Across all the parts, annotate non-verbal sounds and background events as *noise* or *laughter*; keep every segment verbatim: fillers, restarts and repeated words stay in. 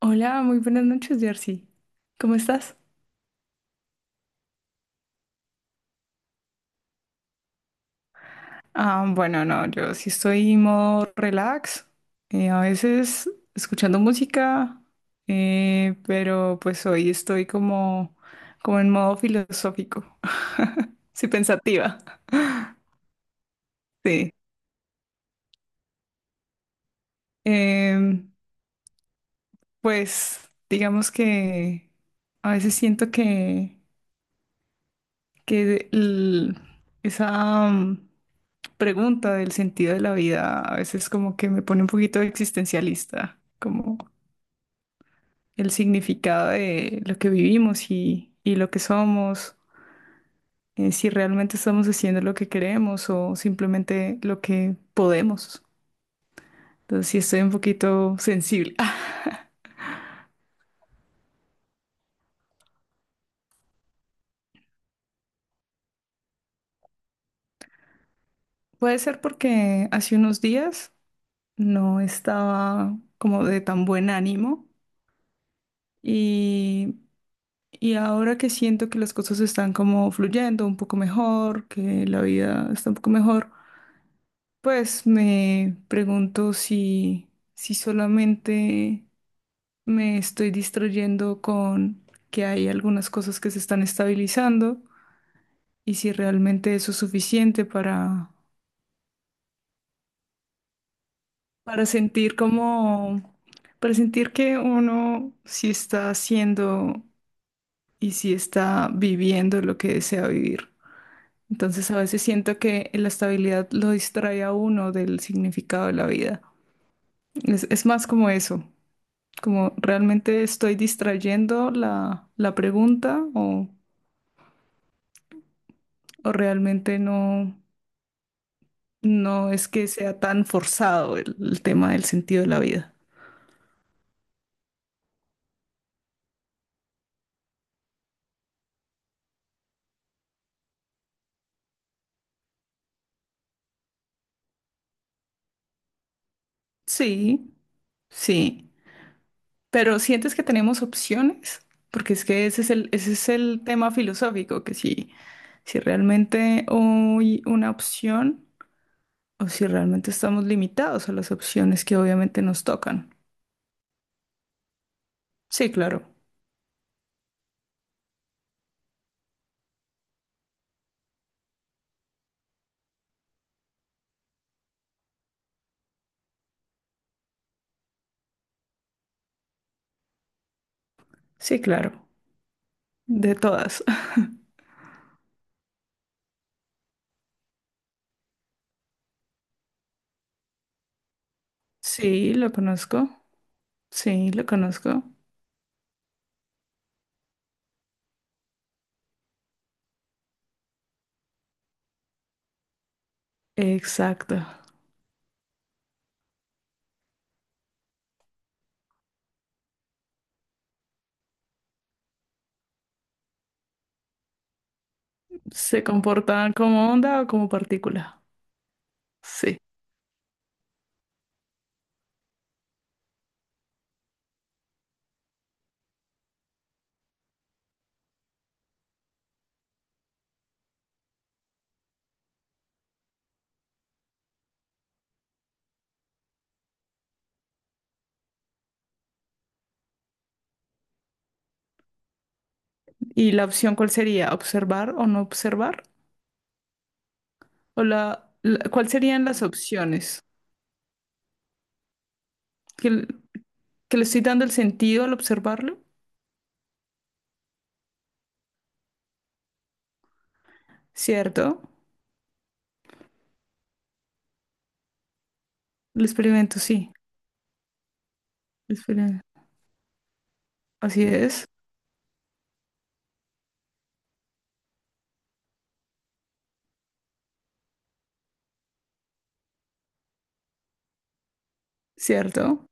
Hola, muy buenas noches, Jersey. ¿Cómo estás? Ah, bueno, no, yo sí estoy en modo relax, eh, a veces escuchando música, eh, pero pues hoy estoy como, como en modo filosófico, *laughs* sí, pensativa, sí. Em, pues digamos que a veces siento que, que el- esa... pregunta del sentido de la vida a veces como que me pone un poquito existencialista, como el significado de lo que vivimos y, y lo que somos, eh, si realmente estamos haciendo lo que queremos o simplemente lo que podemos. Entonces sí estoy un poquito sensible. Ah, puede ser porque hace unos días no estaba como de tan buen ánimo y Y ahora que siento que las cosas están como fluyendo un poco mejor, que la vida está un poco mejor, pues me pregunto si, si solamente me estoy distrayendo con que hay algunas cosas que se están estabilizando y si realmente eso es suficiente para, para sentir como, para sentir que uno sí está haciendo y sí está viviendo lo que desea vivir. Entonces a veces siento que la estabilidad lo distrae a uno del significado de la vida. Es, es más como eso, como realmente estoy distrayendo la, la pregunta o, o realmente no, no es que sea tan forzado el, el tema del sentido de la vida. Sí, sí, pero ¿sientes que tenemos opciones? Porque es que ese es el, ese es el tema filosófico, que si, si realmente hay una opción, o si realmente estamos limitados a las opciones que obviamente nos tocan. Sí, claro. Sí, claro. De todas. *laughs* Sí, lo conozco. Sí, lo conozco. Exacto. Se comportan como onda o como partícula. Sí. ¿Y la opción cuál sería? ¿Observar o no observar? ¿O la, la- Cuál serían las opciones? ¿Que l- que le estoy dando el sentido al observarlo? ¿Cierto? El experimento, sí. El experimento. Así es. ¿Cierto?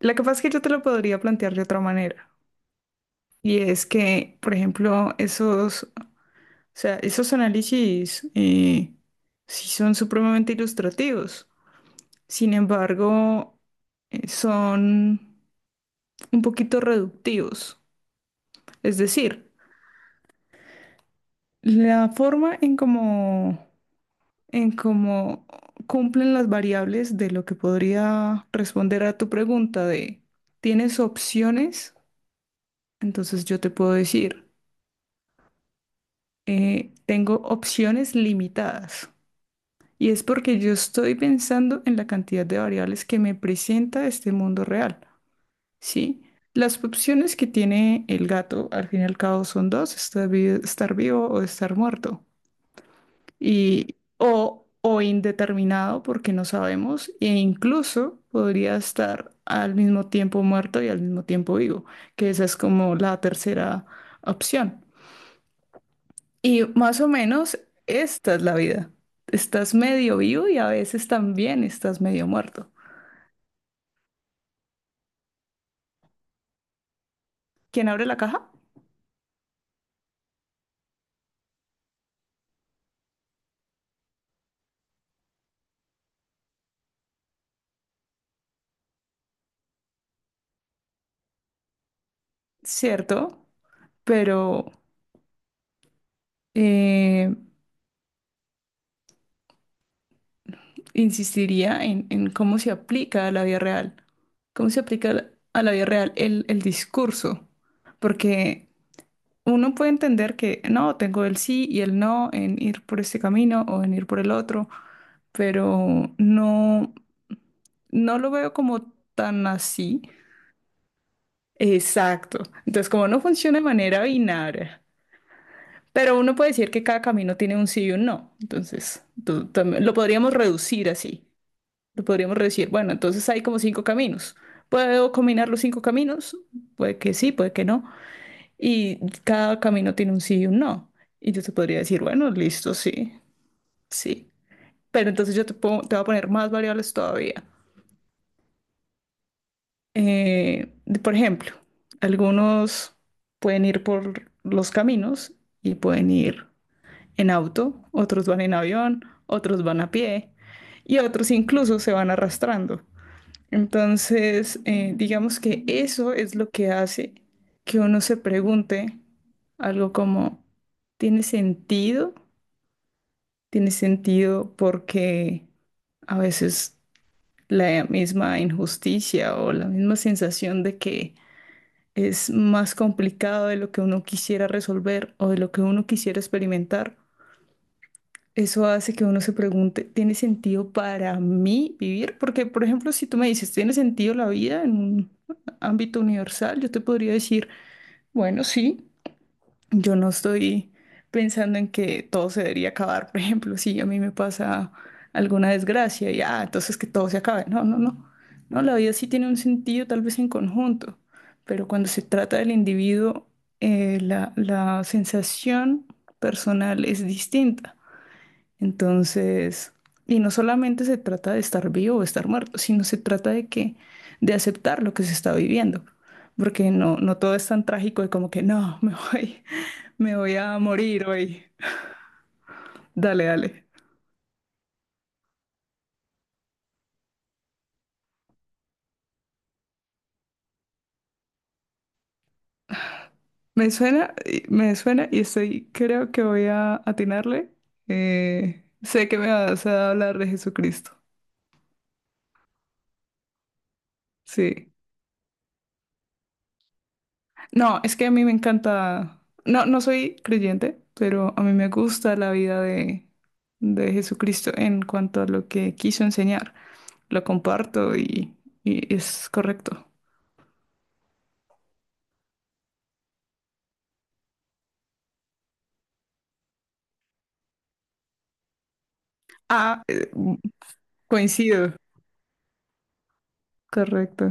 Lo que pasa es que yo te lo podría plantear de otra manera. Y es que, por ejemplo, esos, o sea, esos análisis eh, sí son supremamente ilustrativos. Sin embargo, eh, son un poquito reductivos. Es decir, la forma en cómo, en cómo cumplen las variables de lo que podría responder a tu pregunta de, ¿tienes opciones? Entonces yo te puedo decir, eh, tengo opciones limitadas. Y es porque yo estoy pensando en la cantidad de variables que me presenta este mundo real, ¿sí? Las opciones que tiene el gato, al fin y al cabo, son dos, estar vivo, estar vivo o estar muerto. Y, o, o indeterminado, porque no sabemos, e incluso podría estar al mismo tiempo muerto y al mismo tiempo vivo, que esa es como la tercera opción. Y más o menos esta es la vida. Estás medio vivo y a veces también estás medio muerto. ¿Quién abre la caja? Cierto, pero eh, insistiría en, en cómo se aplica a la vida real. ¿Cómo se aplica a la a la vida real el, el discurso? Porque uno puede entender que no, tengo el sí y el no en ir por este camino o en ir por el otro, pero no, no lo veo como tan así. Exacto. Entonces, como no funciona de manera binaria, pero uno puede decir que cada camino tiene un sí y un no. Entonces, tú también- lo podríamos reducir así. Lo podríamos reducir, bueno, entonces hay como cinco caminos. ¿Puedo combinar los cinco caminos? Puede que sí, puede que no. Y cada camino tiene un sí y un no. Y yo te podría decir, bueno, listo, sí, sí. Pero entonces yo te, pongo- te voy a poner más variables todavía. Eh, por ejemplo, algunos pueden ir por los caminos y pueden ir en auto, otros van en avión, otros van a pie y otros incluso se van arrastrando. Entonces, eh, digamos que eso es lo que hace que uno se pregunte algo como, ¿tiene sentido? ¿Tiene sentido? Porque a veces la misma injusticia o la misma sensación de que es más complicado de lo que uno quisiera resolver o de lo que uno quisiera experimentar. Eso hace que uno se pregunte, ¿tiene sentido para mí vivir? Porque, por ejemplo, si tú me dices, ¿tiene sentido la vida en un ámbito universal? Yo te podría decir, bueno, sí. Yo no estoy pensando en que todo se debería acabar. Por ejemplo, si a mí me pasa alguna desgracia y ah, entonces que todo se acabe. No, no, no. No, la vida sí tiene un sentido, tal vez en conjunto, pero cuando se trata del individuo, eh, la, la sensación personal es distinta. Entonces, y no solamente se trata de estar vivo o estar muerto, sino se trata de que, de aceptar lo que se está viviendo, porque no, no todo es tan trágico de como que no, me voy, *laughs* me voy a morir hoy. Dale, dale. Me suena, y- me suena y estoy, creo que voy a atinarle. Eh, sé que me vas a hablar de Jesucristo. Sí. No, es que a mí me encanta, no, no soy creyente, pero a mí me gusta la vida de, de Jesucristo en cuanto a lo que quiso enseñar. Lo comparto y, y es correcto. Ah, eh, Coincido. Correcto,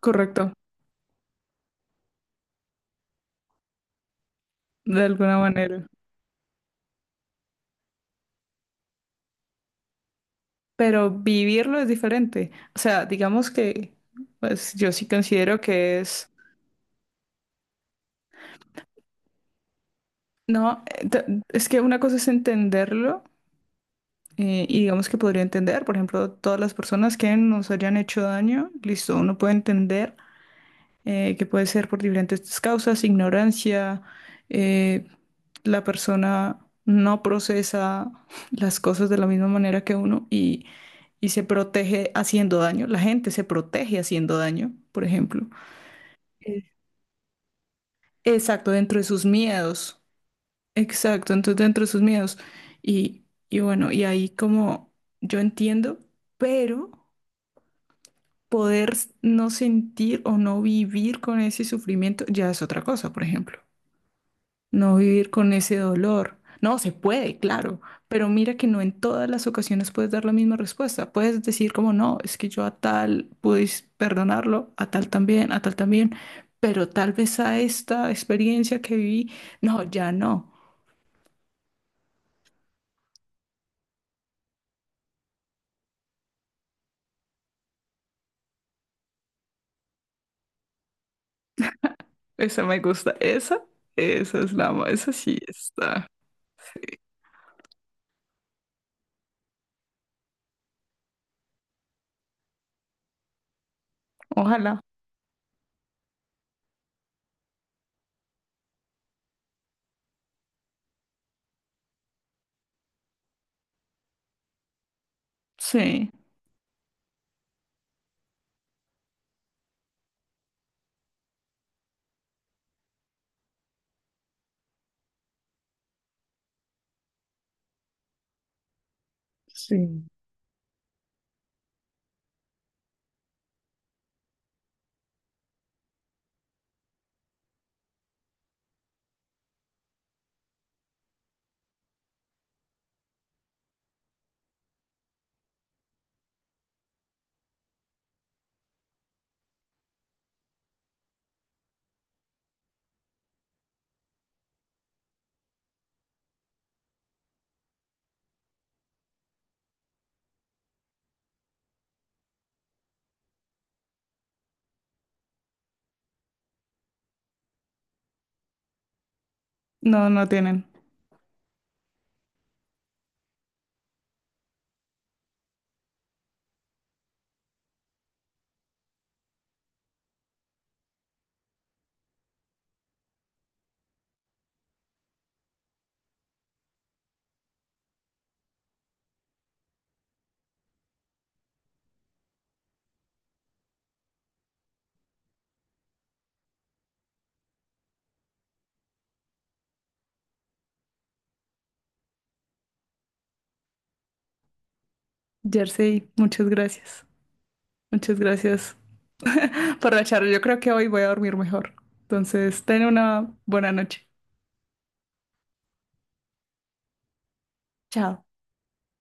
correcto, de alguna manera. Pero vivirlo es diferente. O sea, digamos que, pues yo sí considero que es, no, eh, t- es que una cosa es entenderlo. Eh, y digamos que podría entender, por ejemplo, todas las personas que nos hayan hecho daño, listo, uno puede entender eh, que puede ser por diferentes causas, ignorancia, eh, la persona no procesa las cosas de la misma manera que uno y, y se protege haciendo daño, la gente se protege haciendo daño, por ejemplo. Eh, Exacto, dentro de sus miedos, exacto, entonces dentro de sus miedos. Y, y bueno, y ahí como yo entiendo, pero… Poder s- no sentir o no vivir con ese sufrimiento ya es otra cosa, por ejemplo. No vivir con ese dolor. No, se puede, claro, pero mira que no en todas las ocasiones puedes dar la misma respuesta. Puedes decir como no, es que yo a tal pude perdonarlo, a tal también, a tal también, pero tal vez a esta experiencia que viví, no, ya no. Esa me gusta, esa, esa es la, ma- esa sí está. Ojalá, sí, sí. No, no tienen. Jersey, muchas gracias. Muchas gracias *laughs* por la charla. Yo creo que hoy voy a dormir mejor. Entonces, ten una buena noche. Chao.